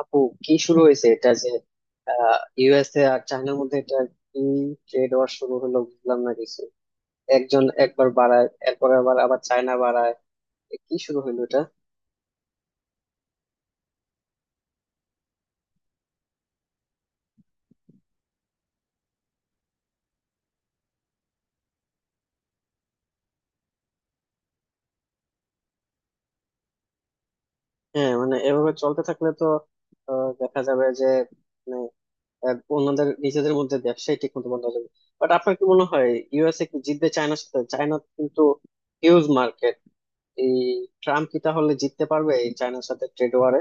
আপু, কি শুরু হয়েছে এটা যে ইউএসএ আর চায়নার মধ্যে? এটা কি ট্রেড ওয়ার শুরু হলো? বুঝলাম না কিছু। একজন একবার বাড়ায়, এরপর আবার আবার চায়না বাড়ায়। এ কি শুরু হলো এটা? হ্যাঁ, মানে এভাবে চলতে থাকলে তো দেখা যাবে যে মানে অন্যদের নিজেদের মধ্যে ব্যবসায় ঠিক মতো বন্ধ হয়ে যাবে। বাট আপনার কি মনে হয়? ইউএসএ কি জিতবে চায়নার সাথে? চায়না কিন্তু হিউজ মার্কেট। এই ট্রাম্প কি তাহলে জিততে পারবে এই চায়নার সাথে ট্রেড ওয়ারে?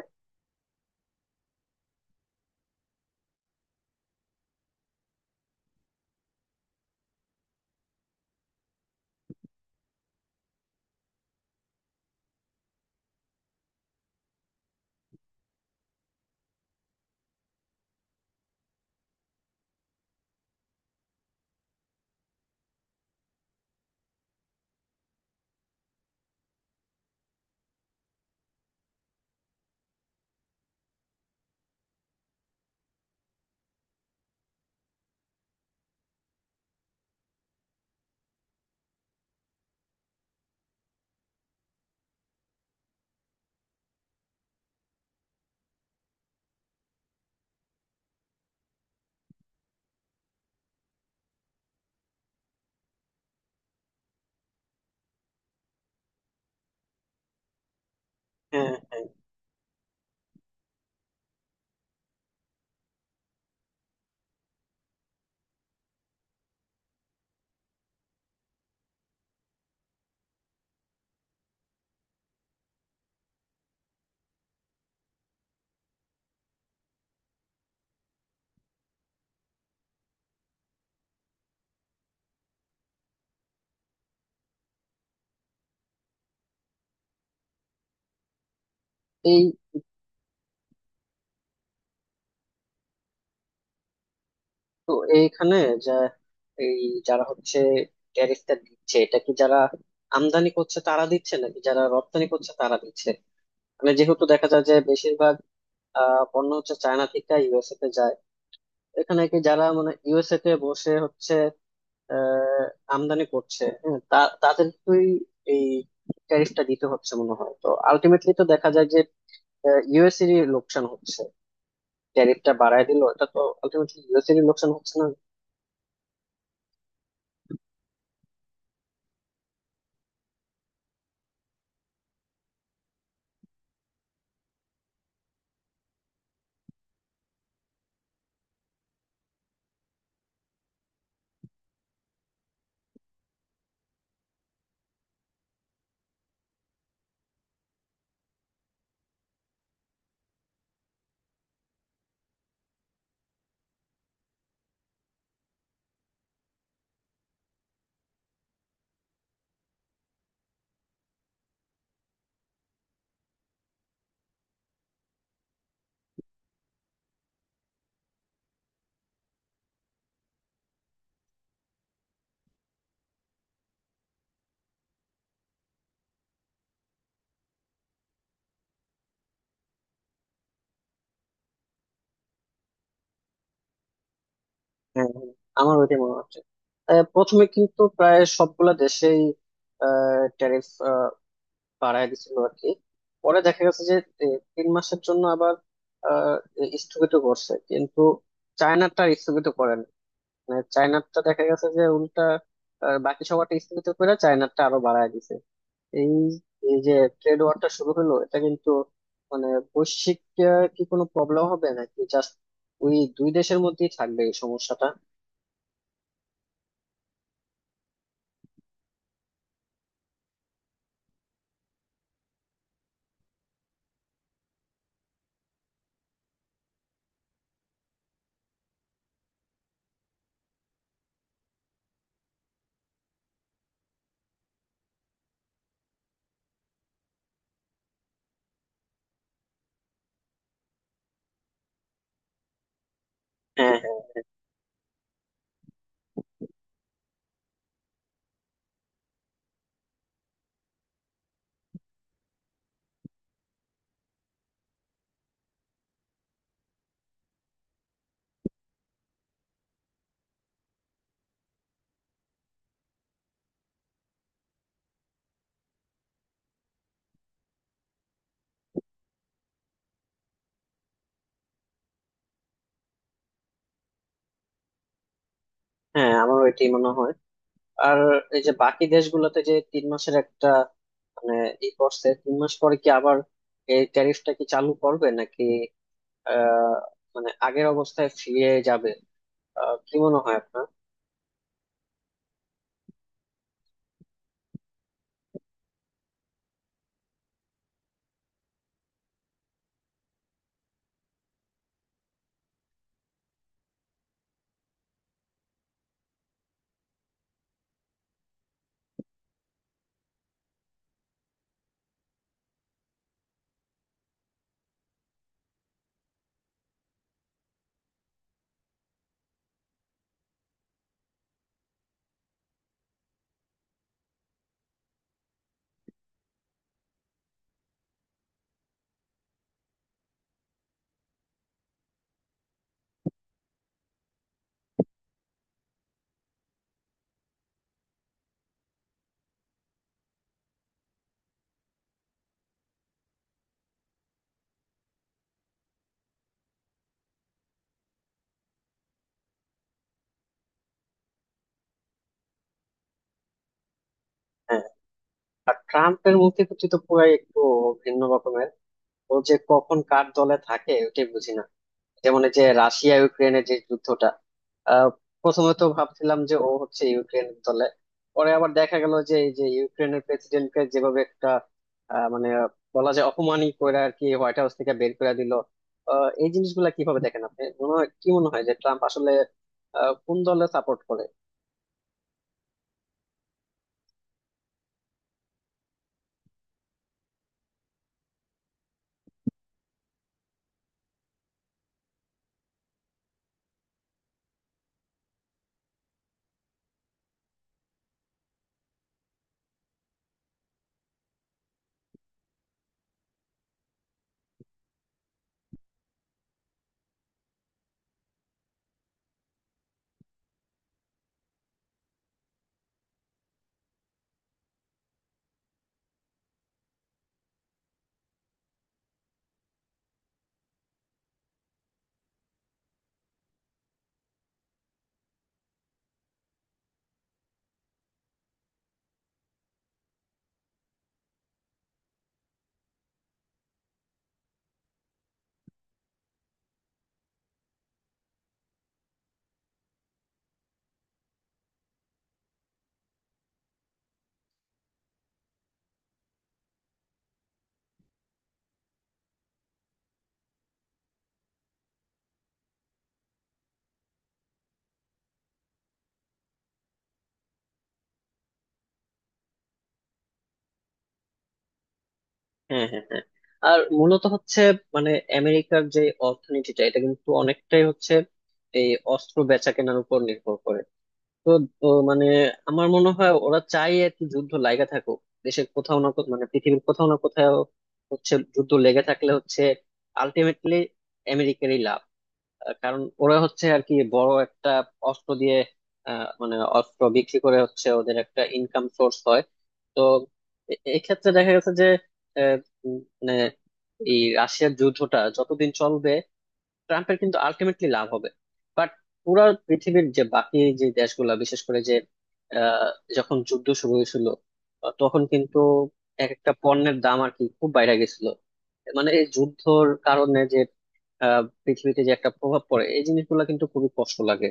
হ্যাঁ, হ্যাঁ। তো এইখানে যে এই যারা হচ্ছে ট্যারিফটা দিচ্ছে, এটা কি যারা আমদানি করছে তারা দিচ্ছে, নাকি যারা রপ্তানি করছে তারা দিচ্ছে? মানে যেহেতু দেখা যায় যে বেশিরভাগ পণ্য হচ্ছে চায়না থেকে ইউএসএ তে যায়, এখানে কি যারা মানে ইউএসএ তে বসে হচ্ছে আহ আমদানি করছে, হ্যাঁ, তা তাদেরকেই এই ট্যারিফটা দিতে হচ্ছে মনে হয়। তো আলটিমেটলি তো দেখা যায় যে ইউএসএরই লোকসান হচ্ছে। ট্যারিফটা বাড়ায় দিল, এটা তো আলটিমেটলি ইউএসএরই লোকসান হচ্ছে না? হ্যাঁ, হ্যাঁ, আমার ওইটাই মনে হচ্ছে। প্রথমে কিন্তু প্রায় সবগুলা দেশেই ট্যারিফ বাড়ায় দিছিল আর কি। পরে দেখা গেছে যে এ, তিন মাসের জন্য আবার আহ, স্থগিত করছে, কিন্তু চায়নাটা স্থগিত করেন। মানে চায়নাটা দেখা গেছে যে উল্টা, বাকি সবারটা স্থগিত করে চায়নাটা আরো বাড়ায় দিছে। এই এই যে ট্রেড ওয়ারটা শুরু হলো, এটা কিন্তু মানে বৈশ্বিক কি কোনো প্রবলেম হবে, নাকি জাস্ট ওই দুই দেশের মধ্যেই থাকবে এই সমস্যাটা? হ্যাঁ, হ্যাঁ, হ্যাঁ, আমারও এটাই মনে হয়। আর এই যে বাকি দেশগুলোতে যে তিন মাসের একটা মানে ই করছে, তিন মাস পরে কি আবার এই ট্যারিফটা কি চালু করবে, নাকি আহ মানে আগের অবস্থায় ফিরে যাবে? কি মনে হয় আপনার? হ্যাঁ। আর ট্রাম্পের মূর্তিগতি তো পুরাই একটু ভিন্ন রকমের। ও যে কখন কার দলে থাকে ওটাই বুঝি না। যেমন এই যে রাশিয়া ইউক্রেনের যে যুদ্ধটা, আহ, প্রথমে তো ভাবছিলাম যে ও হচ্ছে ইউক্রেনের দলে। পরে আবার দেখা গেল যে এই যে ইউক্রেনের প্রেসিডেন্টকে যেভাবে একটা মানে বলা যায় অপমানই করে আর কি হোয়াইট হাউস থেকে বের করে দিল। এই জিনিসগুলা কিভাবে দেখেন আপনি? মনে হয় কি? মনে হয় যে ট্রাম্প আসলে কোন দলে সাপোর্ট করে? হ্যাঁ, হ্যাঁ, হ্যাঁ। আর মূলত হচ্ছে মানে আমেরিকার যে অর্থনীতিটা, এটা কিন্তু অনেকটাই হচ্ছে এই অস্ত্র বেচা কেনার উপর নির্ভর করে। তো তো মানে আমার মনে হয় ওরা চাই আর কি যুদ্ধ লাগা থাকুক দেশের কোথাও না কোথাও, মানে পৃথিবীর কোথাও না কোথাও হচ্ছে যুদ্ধ লেগে থাকলে হচ্ছে আলটিমেটলি আমেরিকারই লাভ। কারণ ওরা হচ্ছে আর কি বড় একটা অস্ত্র দিয়ে মানে অস্ত্র বিক্রি করে হচ্ছে ওদের একটা ইনকাম সোর্স হয়। তো এক্ষেত্রে দেখা গেছে যে আহ, মানে এই রাশিয়ার যুদ্ধটা যতদিন চলবে ট্রাম্পের কিন্তু আলটিমেটলি লাভ হবে। বাট পুরা পৃথিবীর যে বাকি যে দেশগুলা বিশেষ করে যে আহ, যখন যুদ্ধ শুরু হয়েছিল তখন কিন্তু এক একটা পণ্যের দাম আর কি খুব বাইরে গেছিল। মানে এই যুদ্ধর কারণে যে পৃথিবীতে যে একটা প্রভাব পড়ে এই জিনিসগুলো কিন্তু খুবই কষ্ট লাগে।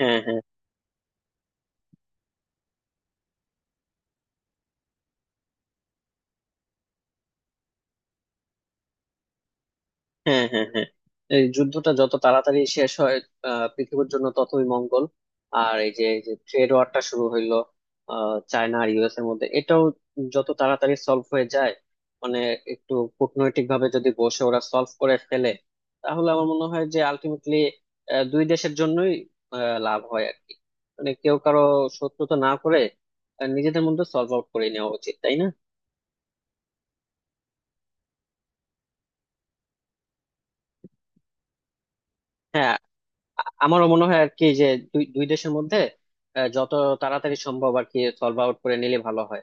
হ্যাঁ, হ্যাঁ, হ্যাঁ, হ্যাঁ, হ্যাঁ। এই যুদ্ধটা যত তাড়াতাড়ি শেষ হয় পৃথিবীর জন্য ততই মঙ্গল। আর এই যে ট্রেড ওয়ারটা শুরু হইলো চায়না আর ইউএস এর মধ্যে, এটাও যত তাড়াতাড়ি সলভ হয়ে যায়, মানে একটু কূটনৈতিক ভাবে যদি বসে ওরা সলভ করে ফেলে তাহলে আমার মনে হয় যে আলটিমেটলি দুই দেশের জন্যই লাভ হয় আর কি। মানে কেউ কারো শত্রুতা না করে নিজেদের মধ্যে সলভ আউট করে নেওয়া উচিত, তাই না? হ্যাঁ। আমারও মনে হয় আর কি যে দুই দুই দেশের মধ্যে যত তাড়াতাড়ি সম্ভব আর কি সলভ আউট করে নিলে ভালো হয়।